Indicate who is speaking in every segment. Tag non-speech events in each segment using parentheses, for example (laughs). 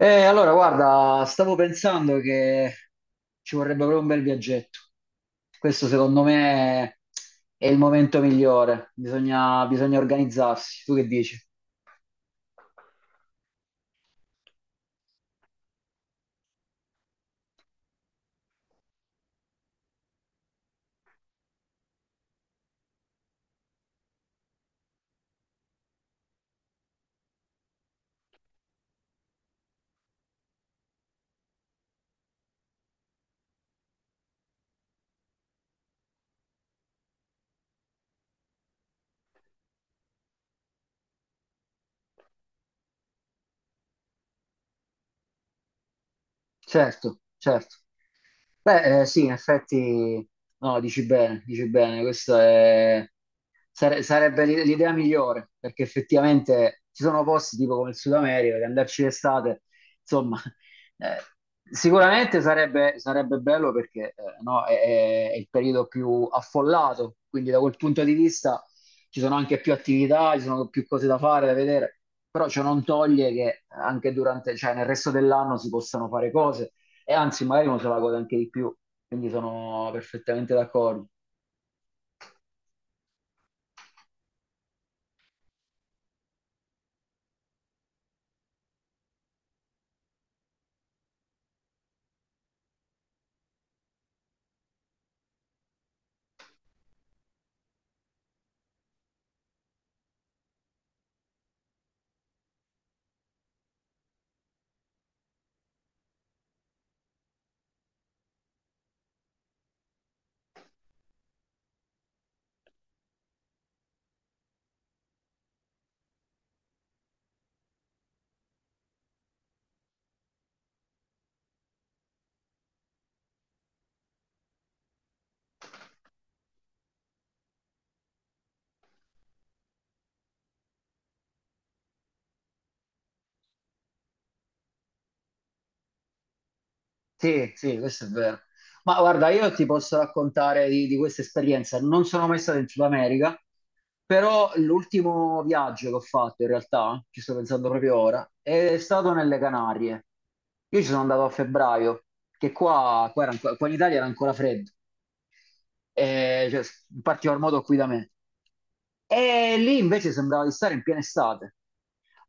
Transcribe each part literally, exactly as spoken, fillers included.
Speaker 1: Eh, allora, guarda, stavo pensando che ci vorrebbe proprio un bel viaggetto. Questo secondo me è il momento migliore. Bisogna, bisogna organizzarsi. Tu che dici? Certo, certo. Beh, eh, sì, in effetti, no, dici bene, dici bene, questa è- sare- sarebbe l'i- l'idea migliore, perché effettivamente ci sono posti tipo come il Sud America, che andarci d'estate, insomma, (laughs) eh, sicuramente sarebbe, sarebbe bello perché eh, no, è, è- è il periodo più affollato, quindi da quel punto di vista ci sono anche più attività, ci sono più cose da fare, da vedere, però ciò non toglie che anche durante, cioè nel resto dell'anno si possano fare cose e anzi magari uno se la gode anche di più, quindi sono perfettamente d'accordo. Sì, sì, questo è vero. Ma guarda, io ti posso raccontare di, di questa esperienza. Non sono mai stato in Sud America, però l'ultimo viaggio che ho fatto in realtà, ci sto pensando proprio ora, è stato nelle Canarie. Io ci sono andato a febbraio, che qua, qua era anco- qua in Italia era ancora freddo. eh, cioè, In particolar modo qui da me. E lì invece sembrava di stare in piena estate,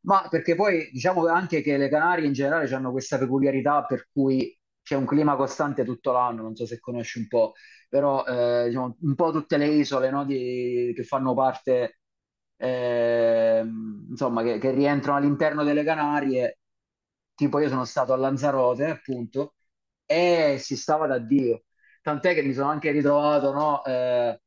Speaker 1: ma perché poi diciamo anche che le Canarie in generale hanno questa peculiarità per cui c'è un clima costante tutto l'anno, non so se conosci un po', però eh, diciamo, un po' tutte le isole no, di- che fanno parte, ehm, insomma, che, che rientrano all'interno delle Canarie, tipo io sono stato a Lanzarote, appunto, e si stava da Dio. Tant'è che mi sono anche ritrovato, no, eh,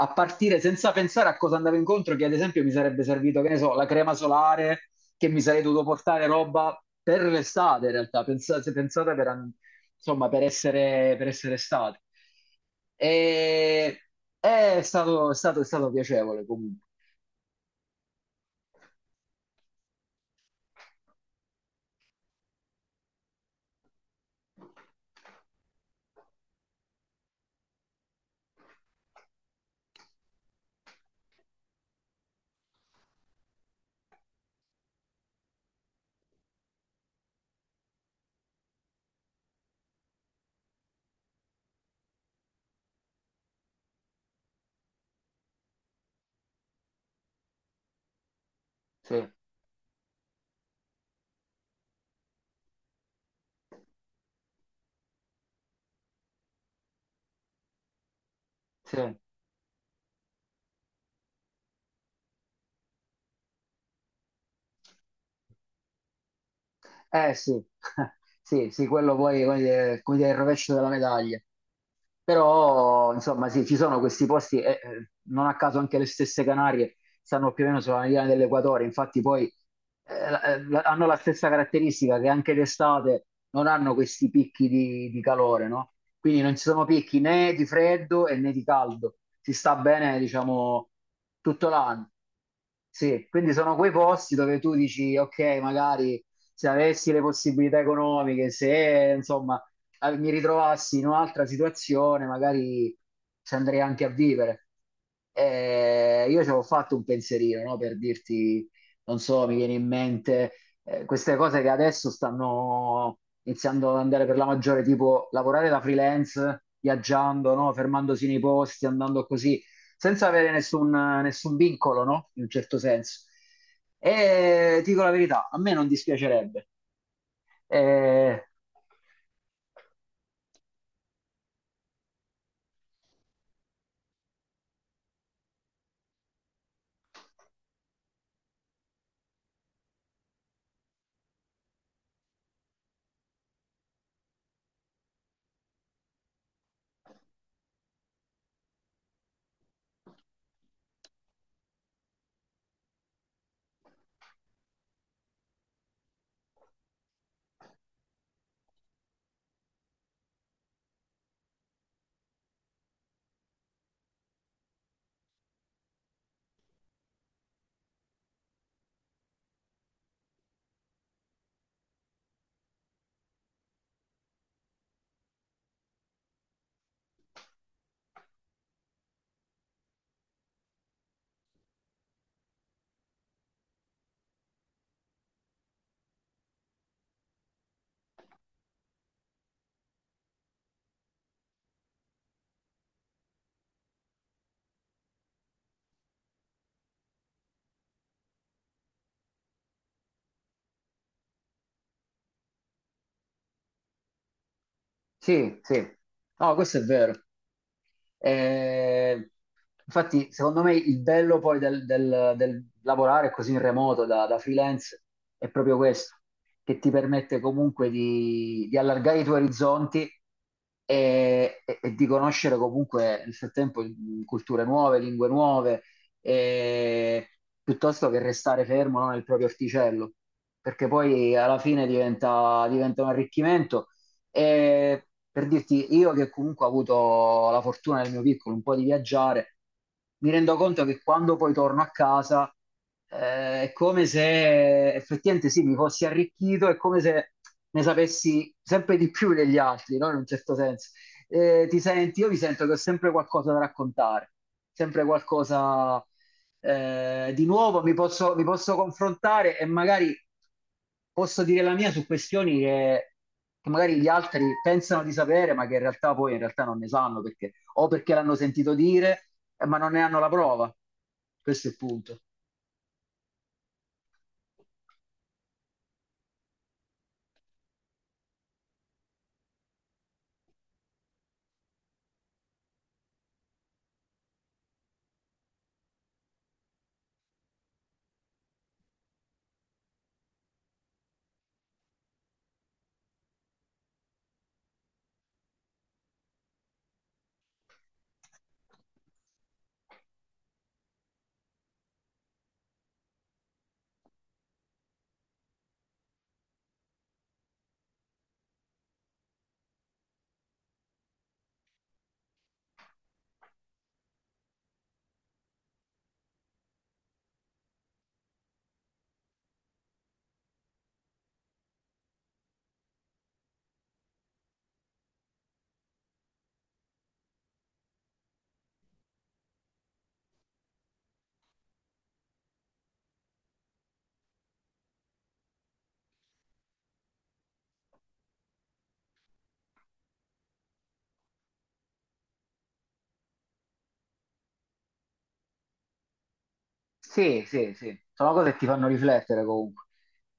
Speaker 1: a partire senza pensare a cosa andavo incontro, che ad esempio mi sarebbe servito, che ne so, la crema solare, che mi sarei dovuto portare roba per l'estate in realtà, pensa- se pensate per, an- insomma, per essere, per essere estate. E è stato, è stato, è stato piacevole comunque. Sì, sì. Eh sì, (laughs) sì, sì, quello poi come dire, come dire, è il rovescio della medaglia. Però, insomma, sì, ci sono questi posti, e, eh, non a caso anche le stesse Canarie stanno più o meno sulla mediana dell'equatore, infatti poi eh, la- eh, la- hanno la stessa caratteristica che anche d'estate non hanno questi picchi di, di calore, no? Quindi non ci sono picchi né di freddo e né di caldo, si sta bene, diciamo, tutto l'anno. Sì, quindi sono quei posti dove tu dici, ok, magari se avessi le possibilità economiche, se insomma eh, mi ritrovassi in un'altra situazione, magari ci andrei anche a vivere. Eh, io ci avevo fatto un pensierino, no? Per dirti, non so, mi viene in mente eh, queste cose che adesso stanno iniziando ad andare per la maggiore, tipo lavorare da freelance, viaggiando, no? Fermandosi nei posti, andando così, senza avere nessun, nessun vincolo, no? In un certo senso. E ti dico la verità, a me non dispiacerebbe. Eh, Sì, sì, no, questo è vero. Eh, Infatti, secondo me il bello poi del, del- del lavorare così in remoto da, da freelance è proprio questo, che ti permette comunque di, di allargare i tuoi orizzonti e, e- e di conoscere comunque nel frattempo mh, culture nuove, lingue nuove, e- piuttosto che restare fermo, no, nel proprio orticello, perché poi alla fine diventa diventa un arricchimento e per dirti, io che comunque ho avuto la fortuna nel mio piccolo un po' di viaggiare, mi rendo conto che quando poi torno a casa eh, è come se effettivamente sì, mi fossi arricchito, è come se ne sapessi sempre di più degli altri, no? In un certo senso. Eh, ti senti, io mi sento che ho sempre qualcosa da raccontare, sempre qualcosa eh, di nuovo mi posso, mi posso confrontare e magari posso dire la mia su questioni che, che magari gli altri pensano di sapere, ma che in realtà poi in realtà non ne sanno perché o perché l'hanno sentito dire, eh, ma non ne hanno la prova. Questo è il punto. Sì, sì, sì, sono cose che ti fanno riflettere comunque.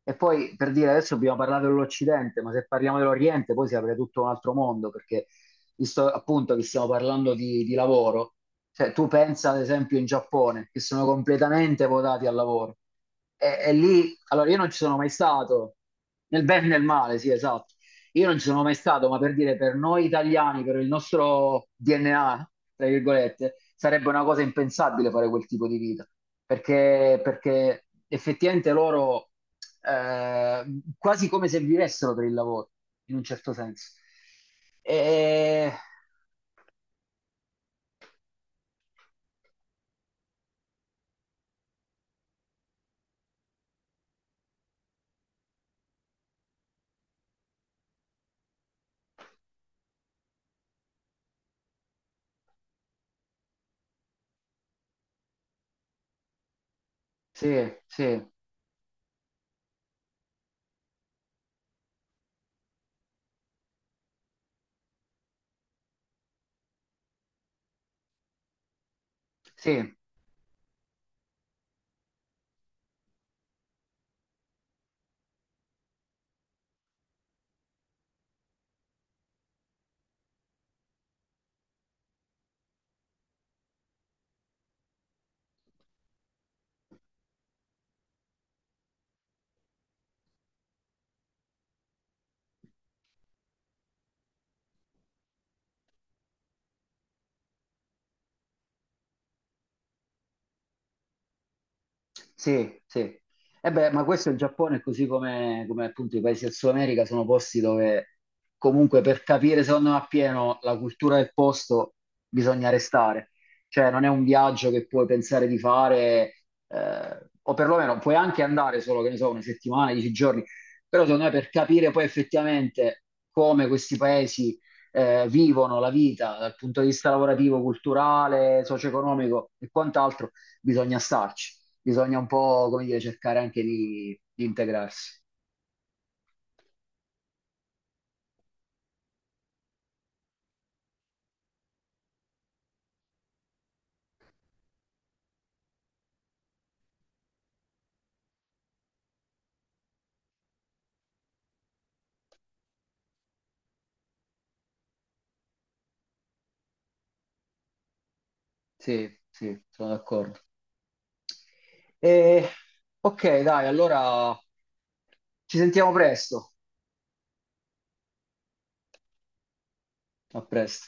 Speaker 1: E poi per dire, adesso abbiamo parlato dell'Occidente, ma se parliamo dell'Oriente poi si apre tutto un altro mondo, perché visto appunto che stiamo parlando di, di lavoro, cioè tu pensa ad esempio in Giappone, che sono completamente votati al lavoro. E, e lì, allora io non ci sono mai stato, nel bene e nel male, sì, esatto. Io non ci sono mai stato, ma per dire, per noi italiani, per il nostro D N A, tra virgolette, sarebbe una cosa impensabile fare quel tipo di vita, perché, perché effettivamente loro eh, quasi come se vivessero per il lavoro, in un certo senso. E, sì, sì, sì. Sì, sì. E beh, ma questo è il Giappone, così come, come appunto i paesi del Sud America, sono posti dove comunque per capire, secondo me, appieno la cultura del posto bisogna restare. Cioè, non è un viaggio che puoi pensare di fare, eh, o perlomeno puoi anche andare solo, che ne so, una settimana, dieci giorni, però secondo me per capire poi effettivamente come questi paesi, eh, vivono la vita dal punto di vista lavorativo, culturale, socio-economico e quant'altro, bisogna starci, bisogna un po', come dire, cercare anche di, di integrarsi. Sì, sì, sono d'accordo. E, ok, dai, allora ci sentiamo presto. A presto.